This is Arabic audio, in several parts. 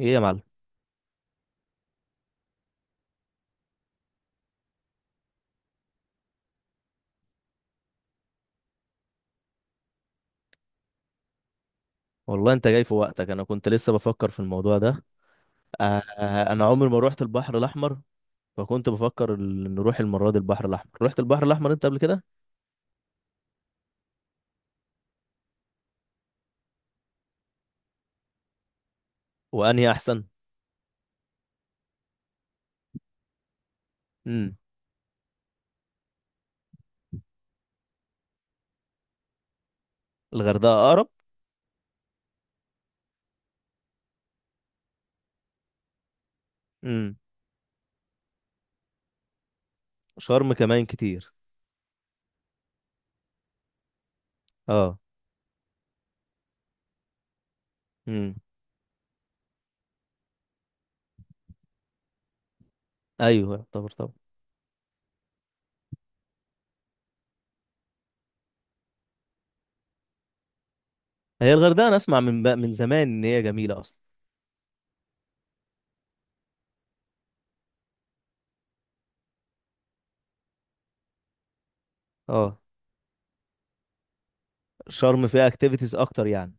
ايه يا معلم. والله انت جاي في وقتك، انا كنت لسه بفكر في الموضوع ده. انا عمري ما روحت البحر الاحمر، فكنت بفكر نروح المره دي البحر الاحمر. رحت البحر الاحمر انت قبل كده؟ وانهي احسن؟ امم. الغردقه اقرب. امم. شرم كمان كتير. اه. امم. ايوه يعتبر طبعا. هي الغردقه انا اسمع من زمان ان هي جميله اصلا. اه، شرم فيها اكتيفيتيز اكتر يعني.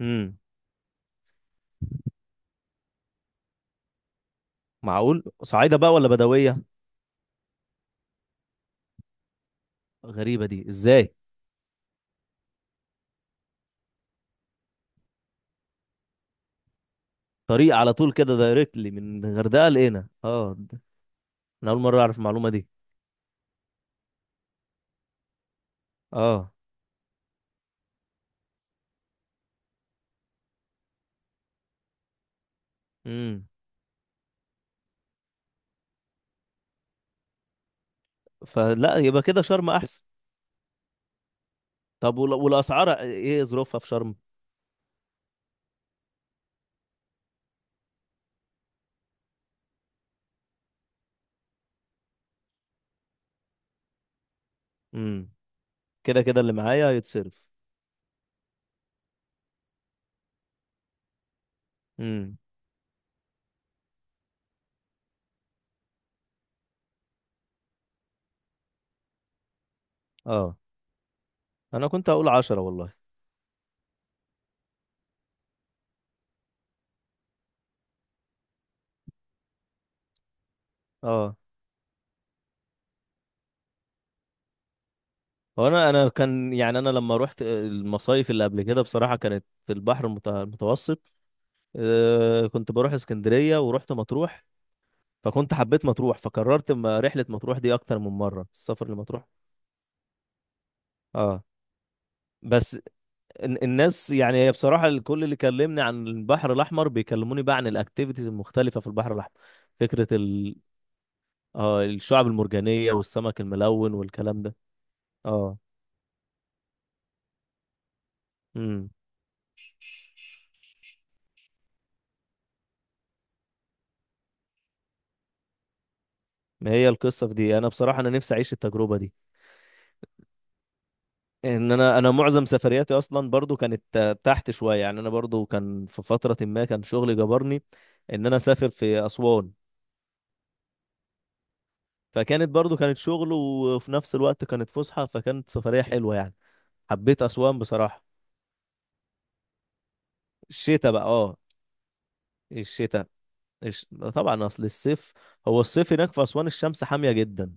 امم. معقول صعيده بقى ولا بدويه؟ غريبه دي ازاي؟ طريق على طول كده دايركتلي من الغردقه لقينا، اه. انا اول مره اعرف المعلومه دي. اه. امم. فلا يبقى كده شرم احسن. طب والاسعار ايه ظروفها في شرم؟ امم. كده كده اللي معايا هيتصرف. امم. اه، انا كنت هقول 10 والله. اه. هو انا كان يعني، انا لما رحت المصايف اللي قبل كده بصراحه، كانت في البحر المتوسط. آه، كنت بروح اسكندريه ورحت مطروح. فكنت حبيت مطروح، فكررت رحله مطروح دي اكتر من مره، السفر لمطروح. اه. بس الناس يعني، هي بصراحة الكل اللي كلمني عن البحر الأحمر بيكلموني بقى عن الأكتيفيتيز المختلفة في البحر الأحمر. فكرة ال... آه الشعب المرجانية والسمك الملون والكلام ده. اه. امم. ما هي القصة في دي، أنا بصراحة أنا نفسي أعيش التجربة دي. إن أنا معظم سفرياتي أصلا برضو كانت تحت شوية يعني. أنا برضو كان في فترة ما كان شغلي جبرني إن أنا أسافر في أسوان. فكانت برضو كانت شغل وفي نفس الوقت كانت فسحة، فكانت سفرية حلوة يعني. حبيت أسوان بصراحة. الشتاء بقى، اه. الشتاء الش... طبعا اصل الصيف. هو الصيف هناك في اسوان الشمس حاميه جدا.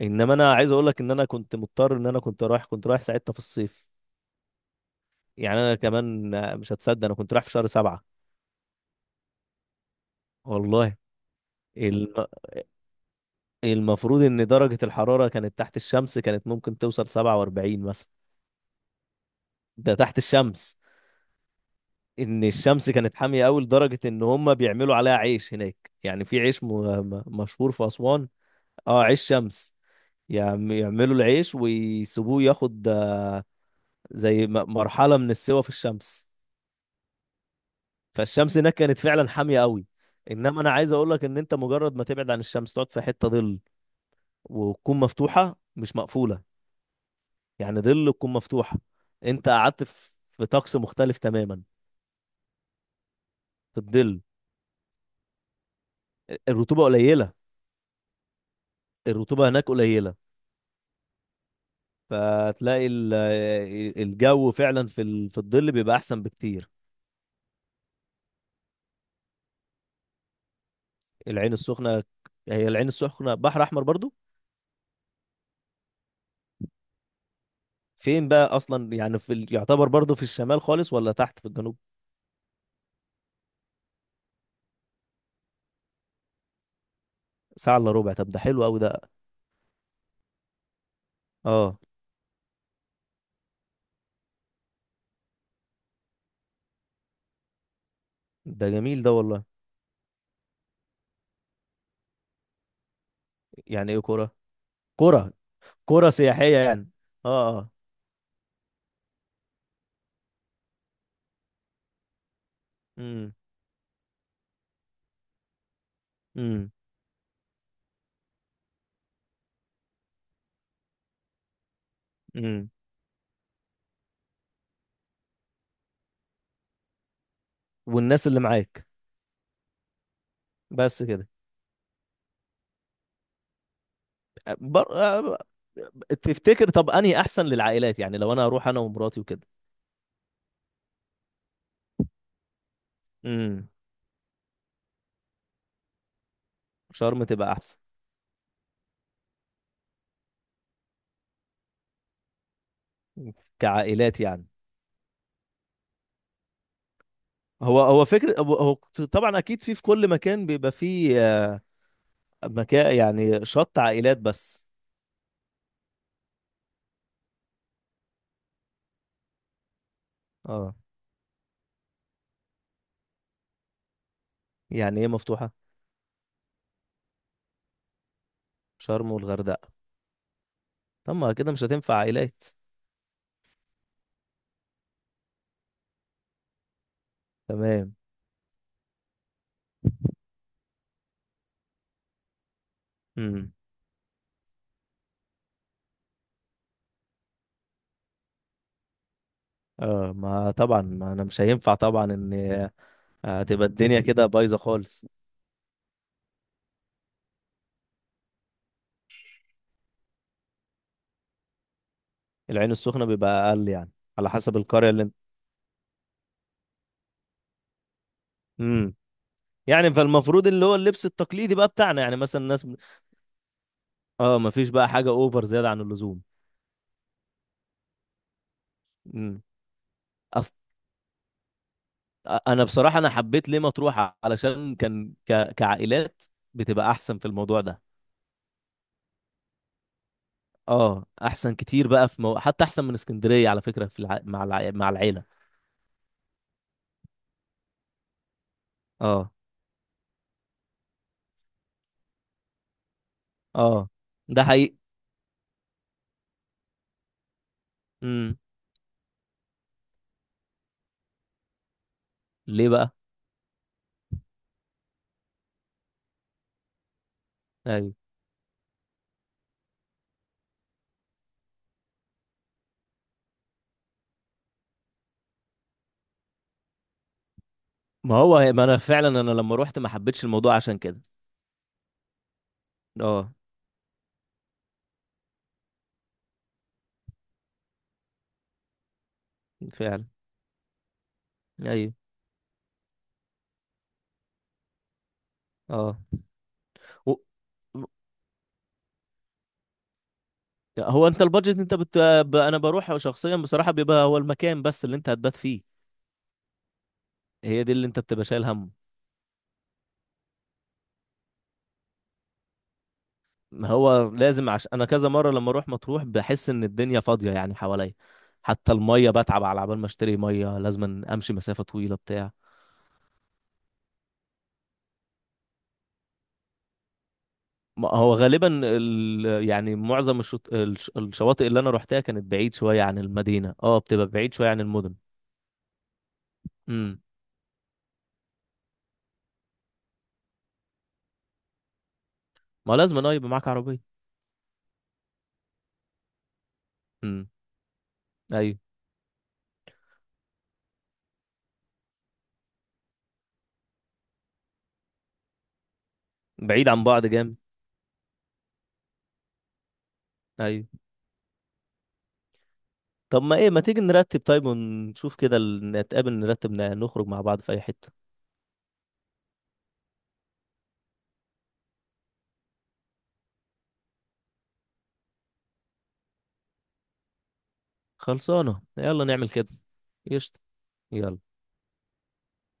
انما انا عايز اقول لك ان انا كنت مضطر، ان انا كنت رايح ساعتها في الصيف. يعني انا كمان مش هتصدق، انا كنت رايح في شهر 7 والله. الم... المفروض ان درجه الحراره كانت تحت الشمس كانت ممكن توصل 47 مثلا. ده تحت الشمس، ان الشمس كانت حاميه قوي لدرجه ان هم بيعملوا عليها عيش هناك، يعني في عيش مشهور في اسوان. اه، عيش شمس. يعملوا العيش ويسيبوه ياخد زي مرحلة من السوا في الشمس. فالشمس هناك كانت فعلا حامية قوي. انما انا عايز اقول لك ان انت مجرد ما تبعد عن الشمس، تقعد في حتة ظل وتكون مفتوحة مش مقفولة، يعني ظل تكون مفتوحة، انت قعدت في طقس مختلف تماما. في الظل. الرطوبة قليلة. الرطوبة هناك قليلة. فتلاقي الجو فعلا في الظل بيبقى احسن بكتير. العين السخنة. هي العين السخنة بحر احمر برضو. فين بقى اصلا يعني، يعتبر برضه في الشمال خالص ولا تحت في الجنوب؟ ساعة الا ربع؟ طب ده حلو قوي ده. اه. ده جميل ده والله. يعني ايه كرة؟ كرة. كرة سياحية يعني؟ اه، اه. امم. امم. امم. والناس اللي معاك. بس كده. بر... آه، تفتكر طب انهي احسن للعائلات؟ يعني لو انا هروح انا ومراتي وكده. امم. شرم تبقى احسن. كعائلات يعني. هو هو فكر هو هو. طبعا اكيد في كل مكان بيبقى فيه مكان يعني شط عائلات بس. اه. يعني ايه مفتوحة؟ شرم والغردقة؟ طب ما كده مش هتنفع عائلات. تمام. امم. اه، ما طبعا ما انا مش هينفع طبعا، ان هتبقى الدنيا كده بايظة خالص. العين السخنة بيبقى اقل يعني؟ على حسب القرية اللي انت. امم. يعني فالمفروض اللي هو اللبس التقليدي بقى بتاعنا، يعني مثلا الناس. اه، ما فيش بقى حاجة اوفر زيادة عن اللزوم. امم. أص... انا بصراحة انا حبيت ليه مطروح علشان كان كعائلات بتبقى احسن في الموضوع ده. اه، احسن كتير بقى في حتى احسن من اسكندريه على فكره، في الع... مع الع... مع العيله. اه. اه، ده حقيقي. امم. ليه بقى؟ ايوه، ما هو ما انا فعلا انا لما روحت ما حبيتش الموضوع عشان كده. اه. فعلا. ايوه. اه، و... هو انت البادجت، انت انا بروح شخصيا بصراحه، بيبقى هو المكان بس اللي انت هتبات فيه، هي دي اللي انت بتبقى شايل هم. ما هو لازم، عشان انا كذا مره لما اروح مطروح بحس ان الدنيا فاضيه يعني حواليا، حتى الميه بتعب، على عبال ما اشتري ميه لازم امشي مسافه طويله بتاع. ما هو غالبا يعني معظم الشواطئ اللي انا روحتها كانت بعيد شويه عن المدينه، اه بتبقى بعيد شويه عن المدن. امم. ما لازم انا يبقى معاك عربيه. امم. ايوه. بعيد عن بعض جامد. ايوه. طب ما ايه، ما تيجي نرتب طيب ونشوف كده، نتقابل نرتب، نخرج مع بعض في اي حته. خلصانه، يلا نعمل كده. قشطه. يلا.